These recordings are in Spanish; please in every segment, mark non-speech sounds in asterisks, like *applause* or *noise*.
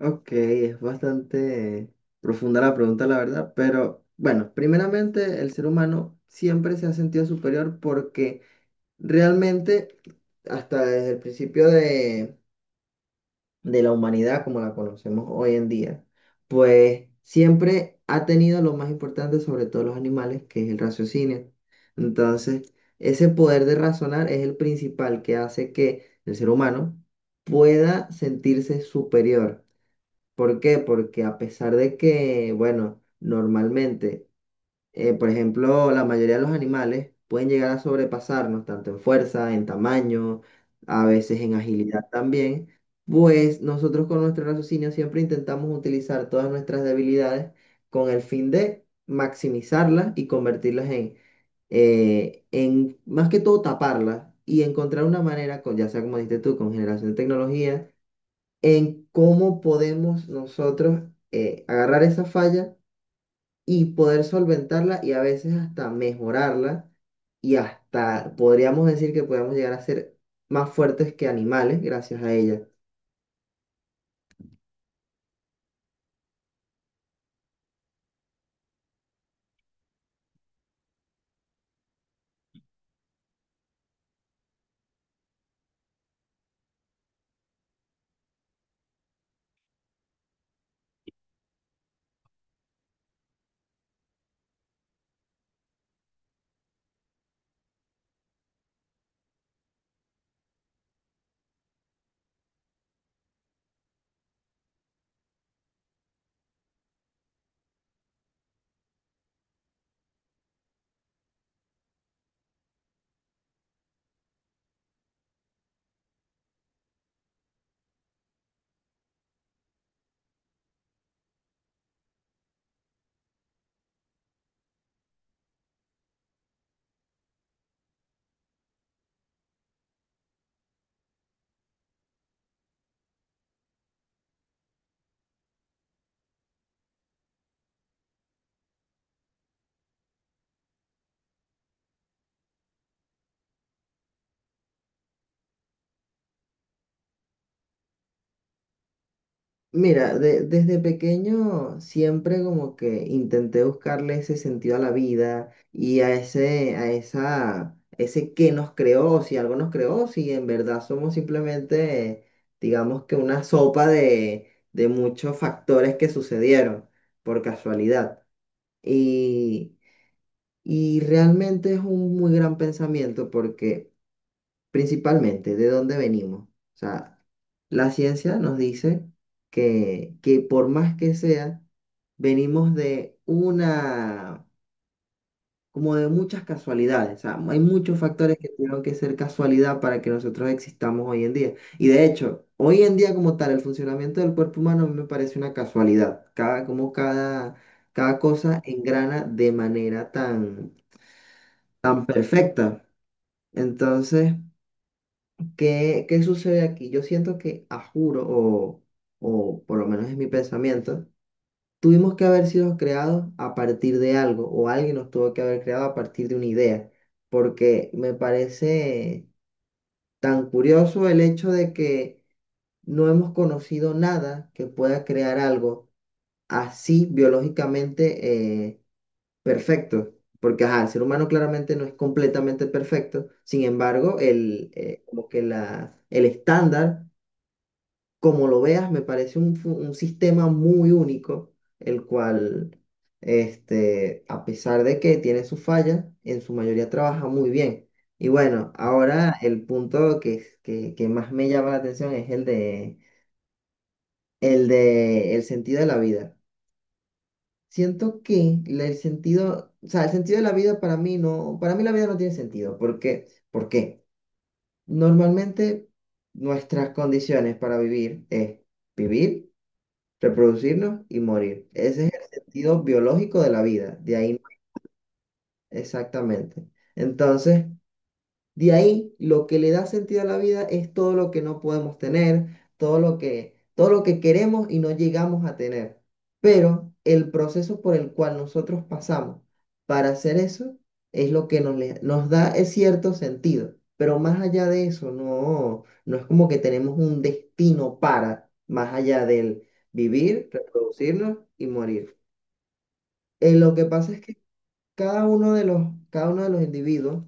Ok, es bastante profunda la pregunta, la verdad, pero bueno, primeramente el ser humano siempre se ha sentido superior porque realmente hasta desde el principio de la humanidad como la conocemos hoy en día, pues siempre ha tenido lo más importante sobre todos los animales, que es el raciocinio. Entonces, ese poder de razonar es el principal que hace que el ser humano pueda sentirse superior. ¿Por qué? Porque a pesar de que, bueno, normalmente, por ejemplo, la mayoría de los animales pueden llegar a sobrepasarnos, tanto en fuerza, en tamaño, a veces en agilidad también, pues nosotros con nuestro raciocinio siempre intentamos utilizar todas nuestras debilidades con el fin de maximizarlas y convertirlas en más que todo taparlas y encontrar una manera, con, ya sea como dijiste tú, con generación de tecnología en cómo podemos nosotros agarrar esa falla y poder solventarla y a veces hasta mejorarla y hasta podríamos decir que podemos llegar a ser más fuertes que animales gracias a ella. Mira, desde pequeño siempre como que intenté buscarle ese sentido a la vida y a ese, a esa, ese qué nos creó, si algo nos creó, si en verdad somos simplemente, digamos que una sopa de muchos factores que sucedieron por casualidad. Y, y realmente es un muy gran pensamiento porque principalmente de dónde venimos. O sea, la ciencia nos dice que por más que sea, venimos de una, como de muchas casualidades. O sea, hay muchos factores que tuvieron que ser casualidad para que nosotros existamos hoy en día. Y de hecho, hoy en día como tal, el funcionamiento del cuerpo humano a mí me parece una casualidad. Cada, como cada, cada cosa engrana de manera tan, tan perfecta. Entonces… ¿Qué, qué sucede aquí? Yo siento que, a juro, o por lo menos es mi pensamiento, tuvimos que haber sido creados a partir de algo, o alguien nos tuvo que haber creado a partir de una idea, porque me parece tan curioso el hecho de que no hemos conocido nada que pueda crear algo así biológicamente perfecto. Porque ajá, el ser humano claramente no es completamente perfecto, sin embargo, el, como que la, el estándar como lo veas, me parece un, un sistema muy único, el cual, este, a pesar de que tiene sus fallas, en su mayoría trabaja muy bien. Y bueno, ahora el punto que más me llama la atención es el de, el de el sentido de la vida. Siento que el sentido, o sea, el sentido de la vida para mí no, para mí la vida no tiene sentido. ¿Por qué? ¿Por qué? Normalmente nuestras condiciones para vivir es vivir reproducirnos y morir. Ese es el sentido biológico de la vida, de ahí exactamente. Entonces, de ahí, lo que le da sentido a la vida es todo lo que no podemos tener, todo lo que queremos y no llegamos a tener. Pero el proceso por el cual nosotros pasamos para hacer eso es lo que nos, nos da cierto sentido. Pero más allá de eso, no, no es como que tenemos un destino para, más allá del vivir, reproducirnos y morir. Lo que pasa es que cada uno de los, cada uno de los individuos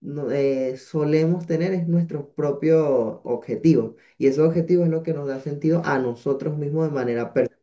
solemos tener es nuestro propio objetivo. Y ese objetivo es lo que nos da sentido a nosotros mismos de manera personal.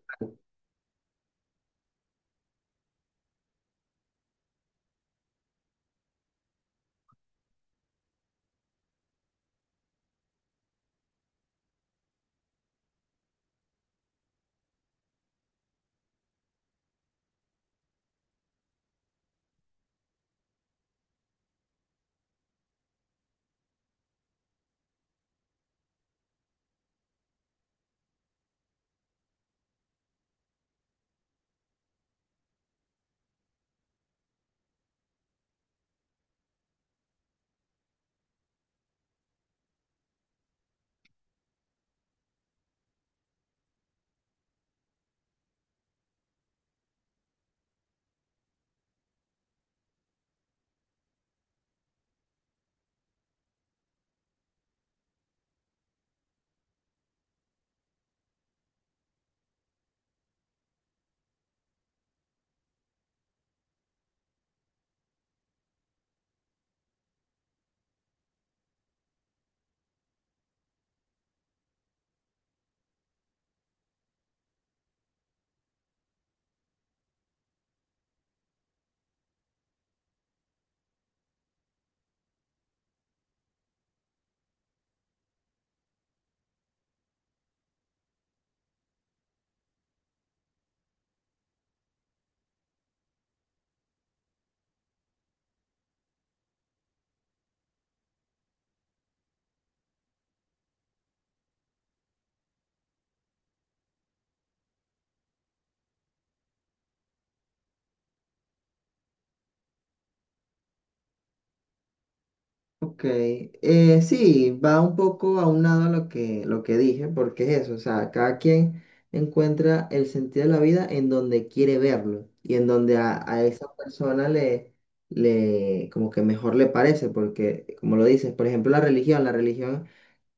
Ok, sí, va un poco aunado a lo que dije, porque es eso, o sea, cada quien encuentra el sentido de la vida en donde quiere verlo y en donde a esa persona le, le, como que mejor le parece, porque como lo dices, por ejemplo, la religión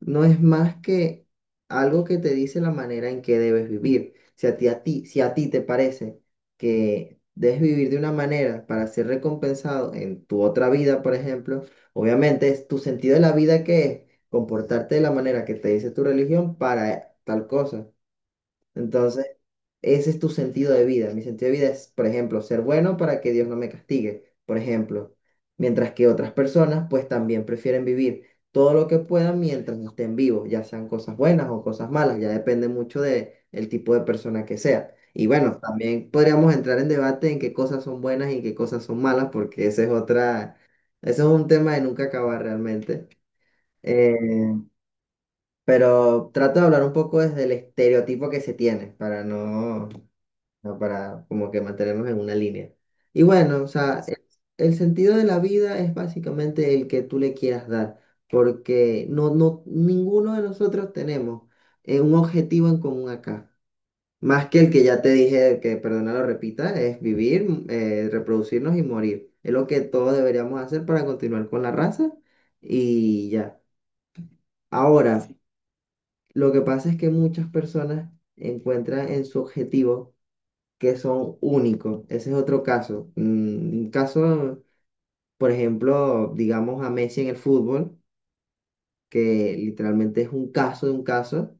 no es más que algo que te dice la manera en que debes vivir. Si a ti, a ti, si a ti te parece que debes vivir de una manera para ser recompensado en tu otra vida, por ejemplo, obviamente es tu sentido de la vida que es comportarte de la manera que te dice tu religión para tal cosa. Entonces, ese es tu sentido de vida. Mi sentido de vida es, por ejemplo, ser bueno para que Dios no me castigue, por ejemplo. Mientras que otras personas, pues también prefieren vivir todo lo que puedan mientras estén vivos, ya sean cosas buenas o cosas malas, ya depende mucho de el tipo de persona que sea. Y bueno, también podríamos entrar en debate en qué cosas son buenas y qué cosas son malas, porque ese es otra, ese es un tema de nunca acabar realmente. Eh, pero trato de hablar un poco desde el estereotipo que se tiene, para no sea, para como que mantenernos en una línea. Y bueno, o sea, el sentido de la vida es básicamente el que tú le quieras dar, porque no, no, ninguno de nosotros tenemos un objetivo en común acá. Más que el que ya te dije, que perdona lo repita, es vivir, reproducirnos y morir. Es lo que todos deberíamos hacer para continuar con la raza y ya. Ahora, sí, lo que pasa es que muchas personas encuentran en su objetivo que son únicos. Ese es otro caso. Un caso, por ejemplo, digamos a Messi en el fútbol, que literalmente es un caso de un caso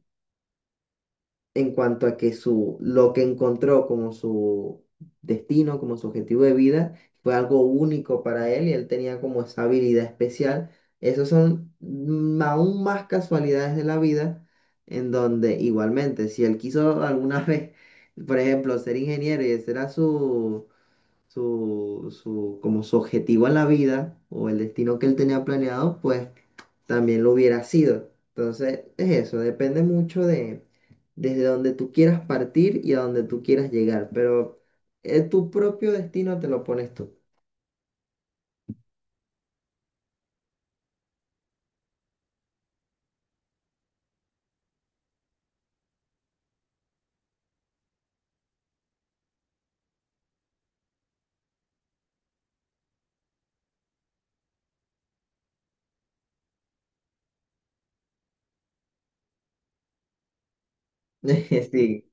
en cuanto a que su, lo que encontró como su destino, como su objetivo de vida, fue algo único para él y él tenía como esa habilidad especial. Esos son aún más casualidades de la vida en donde igualmente, si él quiso alguna *laughs* vez, por ejemplo, ser ingeniero y ese era su como su objetivo en la vida o el destino que él tenía planeado, pues también lo hubiera sido. Entonces, es eso, depende mucho de desde donde tú quieras partir y a donde tú quieras llegar, pero tu propio destino te lo pones tú. *laughs* Sí,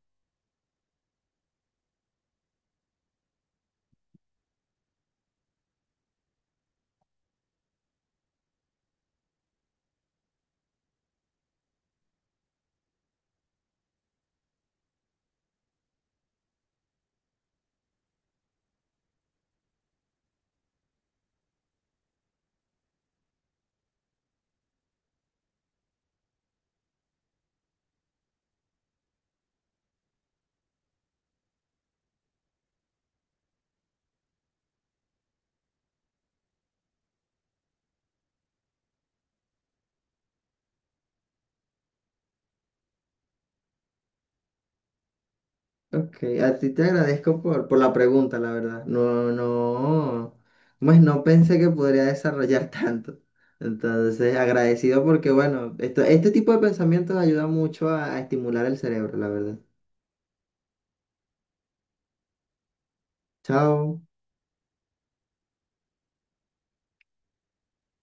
ok, a ti te agradezco por la pregunta, la verdad. No, no, pues no pensé que podría desarrollar *laughs* tanto. Entonces, agradecido porque, bueno, esto, este tipo de pensamientos ayuda mucho a estimular el cerebro, la verdad. Chao.